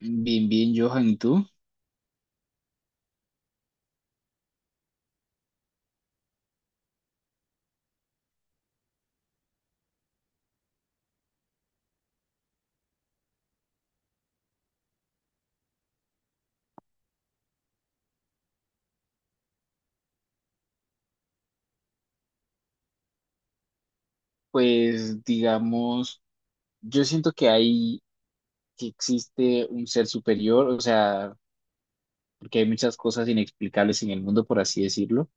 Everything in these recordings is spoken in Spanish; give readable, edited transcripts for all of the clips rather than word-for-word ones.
Bien, bien, Johan, ¿y tú? Pues digamos, yo siento que hay, que existe un ser superior, o sea, porque hay muchas cosas inexplicables en el mundo, por así decirlo.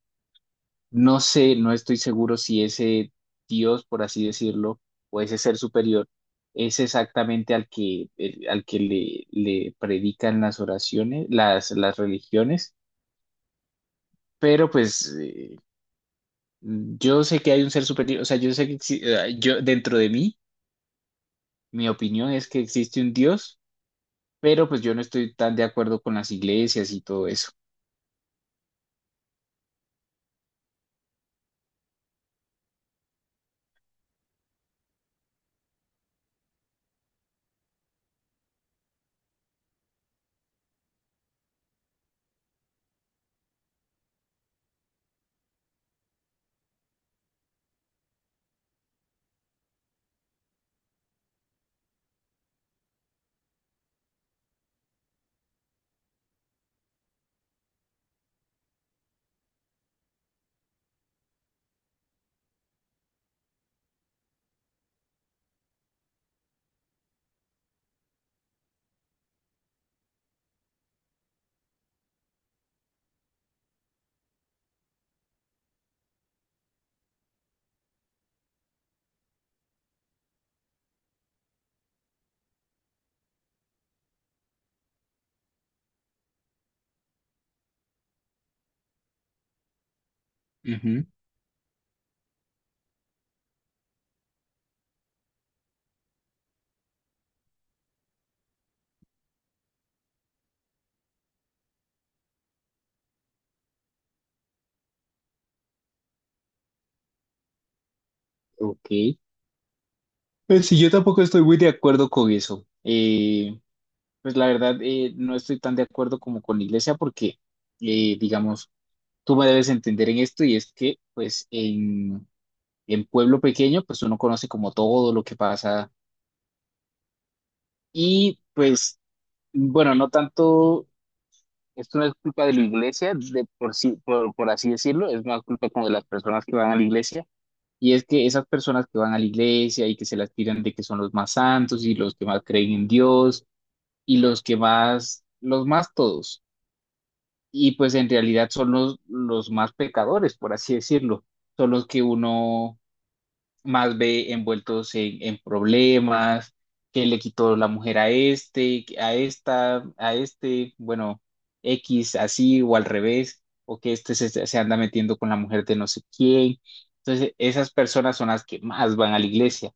No sé, no estoy seguro si ese Dios, por así decirlo, o ese ser superior es exactamente al que, al que le predican las oraciones, las religiones, pero pues yo sé que hay un ser superior, o sea, yo sé que yo dentro de mí. Mi opinión es que existe un Dios, pero pues yo no estoy tan de acuerdo con las iglesias y todo eso. Ujú. Ok. Pues sí, yo tampoco estoy muy de acuerdo con eso. Pues la verdad, no estoy tan de acuerdo como con la iglesia porque, digamos, tú me debes entender en esto y es que, pues, en pueblo pequeño, pues uno conoce como todo lo que pasa y, pues, bueno, no tanto. Esto no es culpa de la iglesia, de por sí, por así decirlo, es más culpa como de las personas que van a la iglesia. Y es que esas personas que van a la iglesia y que se las tiran de que son los más santos y los que más creen en Dios y los que más, los más todos. Y pues en realidad son los más pecadores, por así decirlo. Son los que uno más ve envueltos en problemas, que le quitó la mujer a este, a esta, a este, bueno, X así o al revés, o que este se anda metiendo con la mujer de no sé quién. Entonces, esas personas son las que más van a la iglesia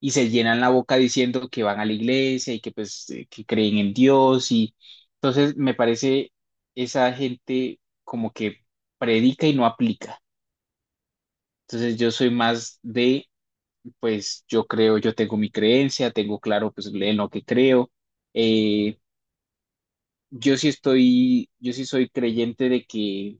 y se llenan la boca diciendo que van a la iglesia y que pues que creen en Dios y entonces me parece esa gente como que predica y no aplica. Entonces yo soy más de pues yo creo, yo tengo mi creencia, tengo claro pues en lo que creo. Eh, yo sí estoy, yo sí soy creyente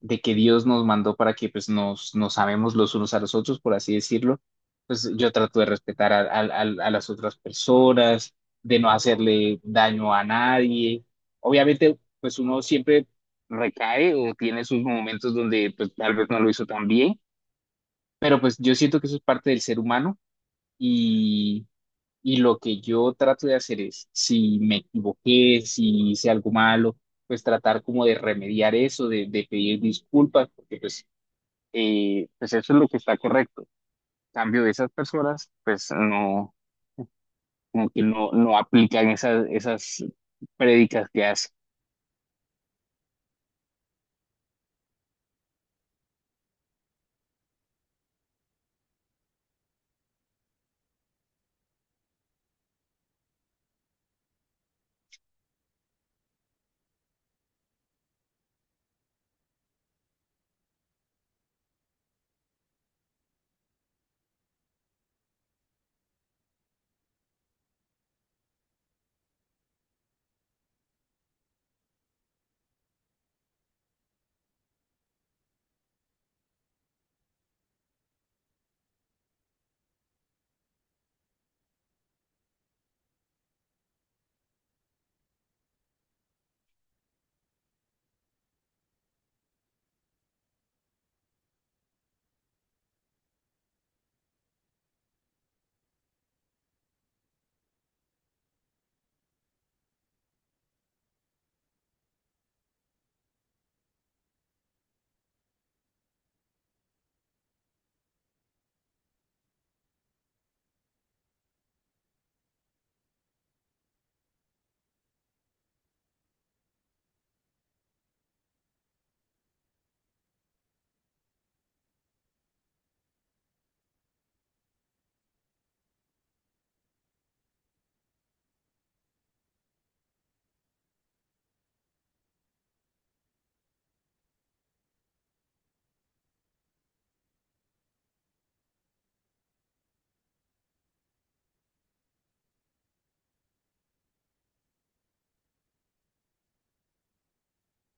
de que Dios nos mandó para que pues nos amemos los unos a los otros, por así decirlo. Pues yo trato de respetar a, a las otras personas, de no hacerle daño a nadie. Obviamente, pues uno siempre recae o tiene sus momentos donde pues tal vez no lo hizo tan bien, pero pues yo siento que eso es parte del ser humano. Y lo que yo trato de hacer es, si me equivoqué, si hice algo malo, pues tratar como de remediar eso, de pedir disculpas, porque pues, pues eso es lo que está correcto. En cambio de esas personas, pues no, como que no, no aplican esas, esas prédicas que hacen.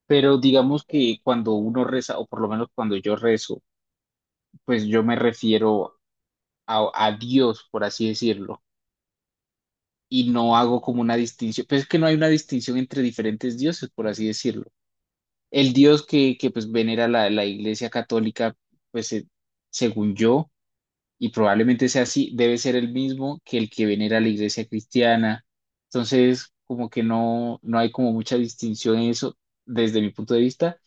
Pero digamos que cuando uno reza, o por lo menos cuando yo rezo, pues yo me refiero a Dios, por así decirlo. Y no hago como una distinción, pues es que no hay una distinción entre diferentes dioses, por así decirlo. El dios que pues venera la, la Iglesia Católica, pues según yo, y probablemente sea así, debe ser el mismo que el que venera la Iglesia Cristiana. Entonces, como que no, no hay como mucha distinción en eso desde mi punto de vista,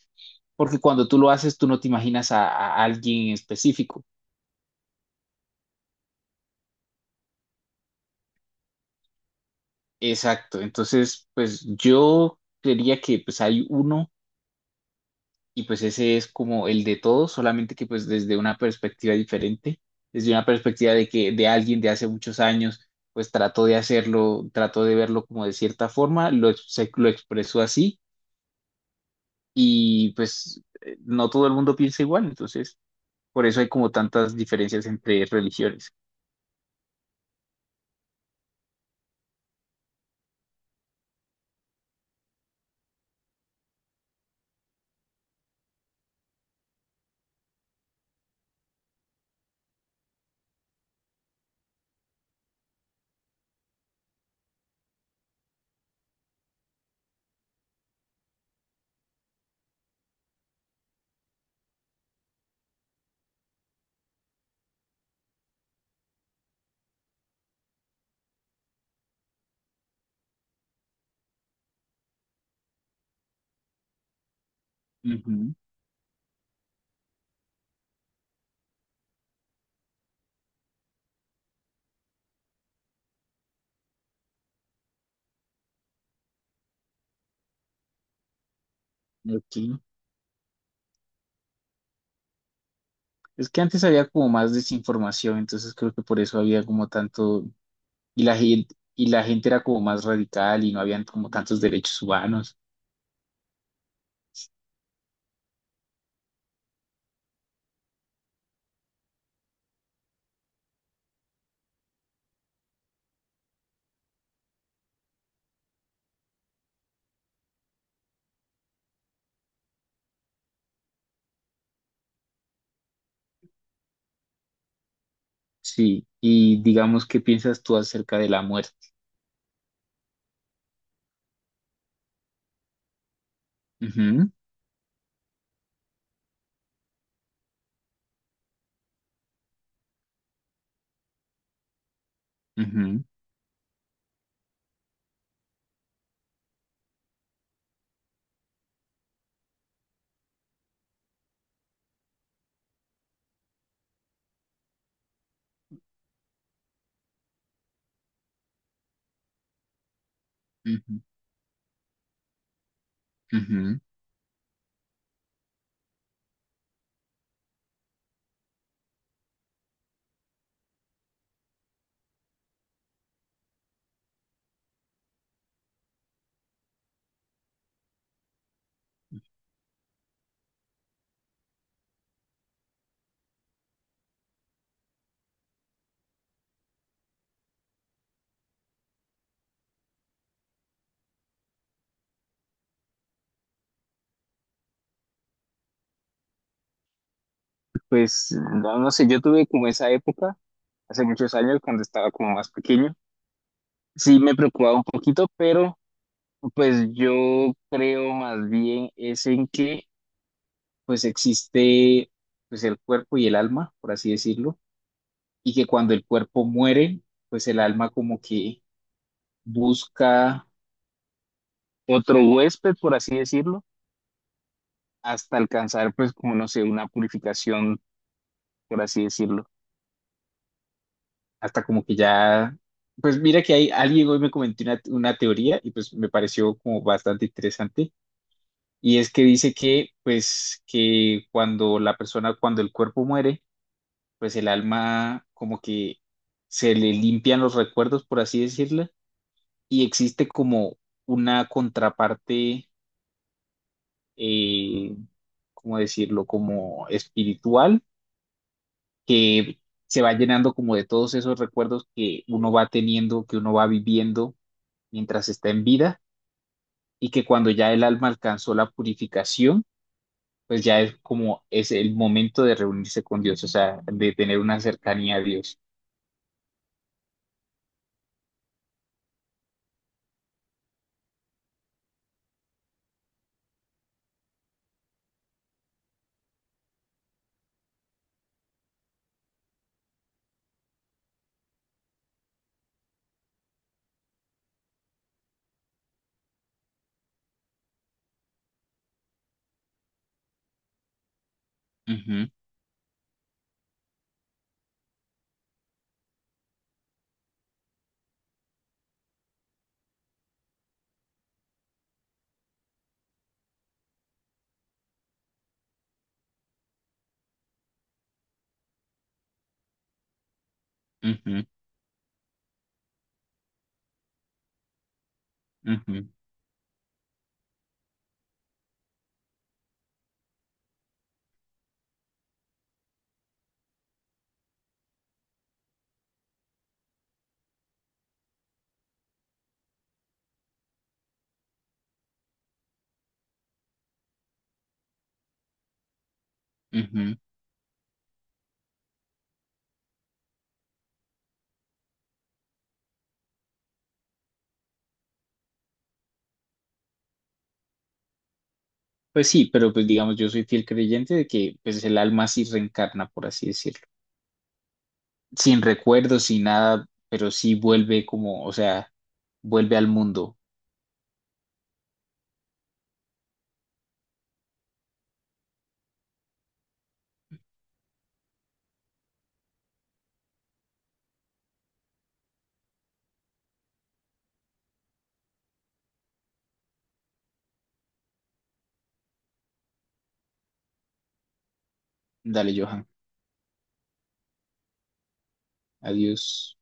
porque cuando tú lo haces, tú no te imaginas a alguien en específico. Exacto, entonces, pues yo creería que pues hay uno y pues ese es como el de todos, solamente que pues desde una perspectiva diferente, desde una perspectiva de que de alguien de hace muchos años, pues trató de hacerlo, trató de verlo como de cierta forma, lo expresó así y pues no todo el mundo piensa igual, entonces por eso hay como tantas diferencias entre religiones. Ujú, ok. Es que antes había como más desinformación, entonces creo que por eso había como tanto, y la gente era como más radical y no habían como tantos derechos humanos. Sí, y digamos, ¿qué piensas tú acerca de la muerte? Ujú, ujú, ujú, ujú. Pues no, no sé, yo tuve como esa época, hace muchos años, cuando estaba como más pequeño. Sí, me preocupaba un poquito, pero pues yo creo más bien es en que pues existe pues el cuerpo y el alma, por así decirlo, y que cuando el cuerpo muere, pues el alma como que busca otro huésped, por así decirlo, hasta alcanzar, pues, como no sé, una purificación, por así decirlo, hasta como que ya, pues mira que hay alguien hoy me comentó una teoría y pues me pareció como bastante interesante, y es que dice que, pues, que cuando la persona, cuando el cuerpo muere, pues el alma como que se le limpian los recuerdos, por así decirlo, y existe como una contraparte, eh, ¿cómo decirlo? Como espiritual, que se va llenando como de todos esos recuerdos que uno va teniendo, que uno va viviendo mientras está en vida y que cuando ya el alma alcanzó la purificación, pues ya es como es el momento de reunirse con Dios, o sea, de tener una cercanía a Dios. Ujú, ujú, ujú, ujú. Pues sí, pero pues digamos, yo soy fiel creyente de que pues el alma sí reencarna, por así decirlo, sin recuerdos, sin nada, pero sí vuelve como, o sea, vuelve al mundo. Dale, Johan. Adiós.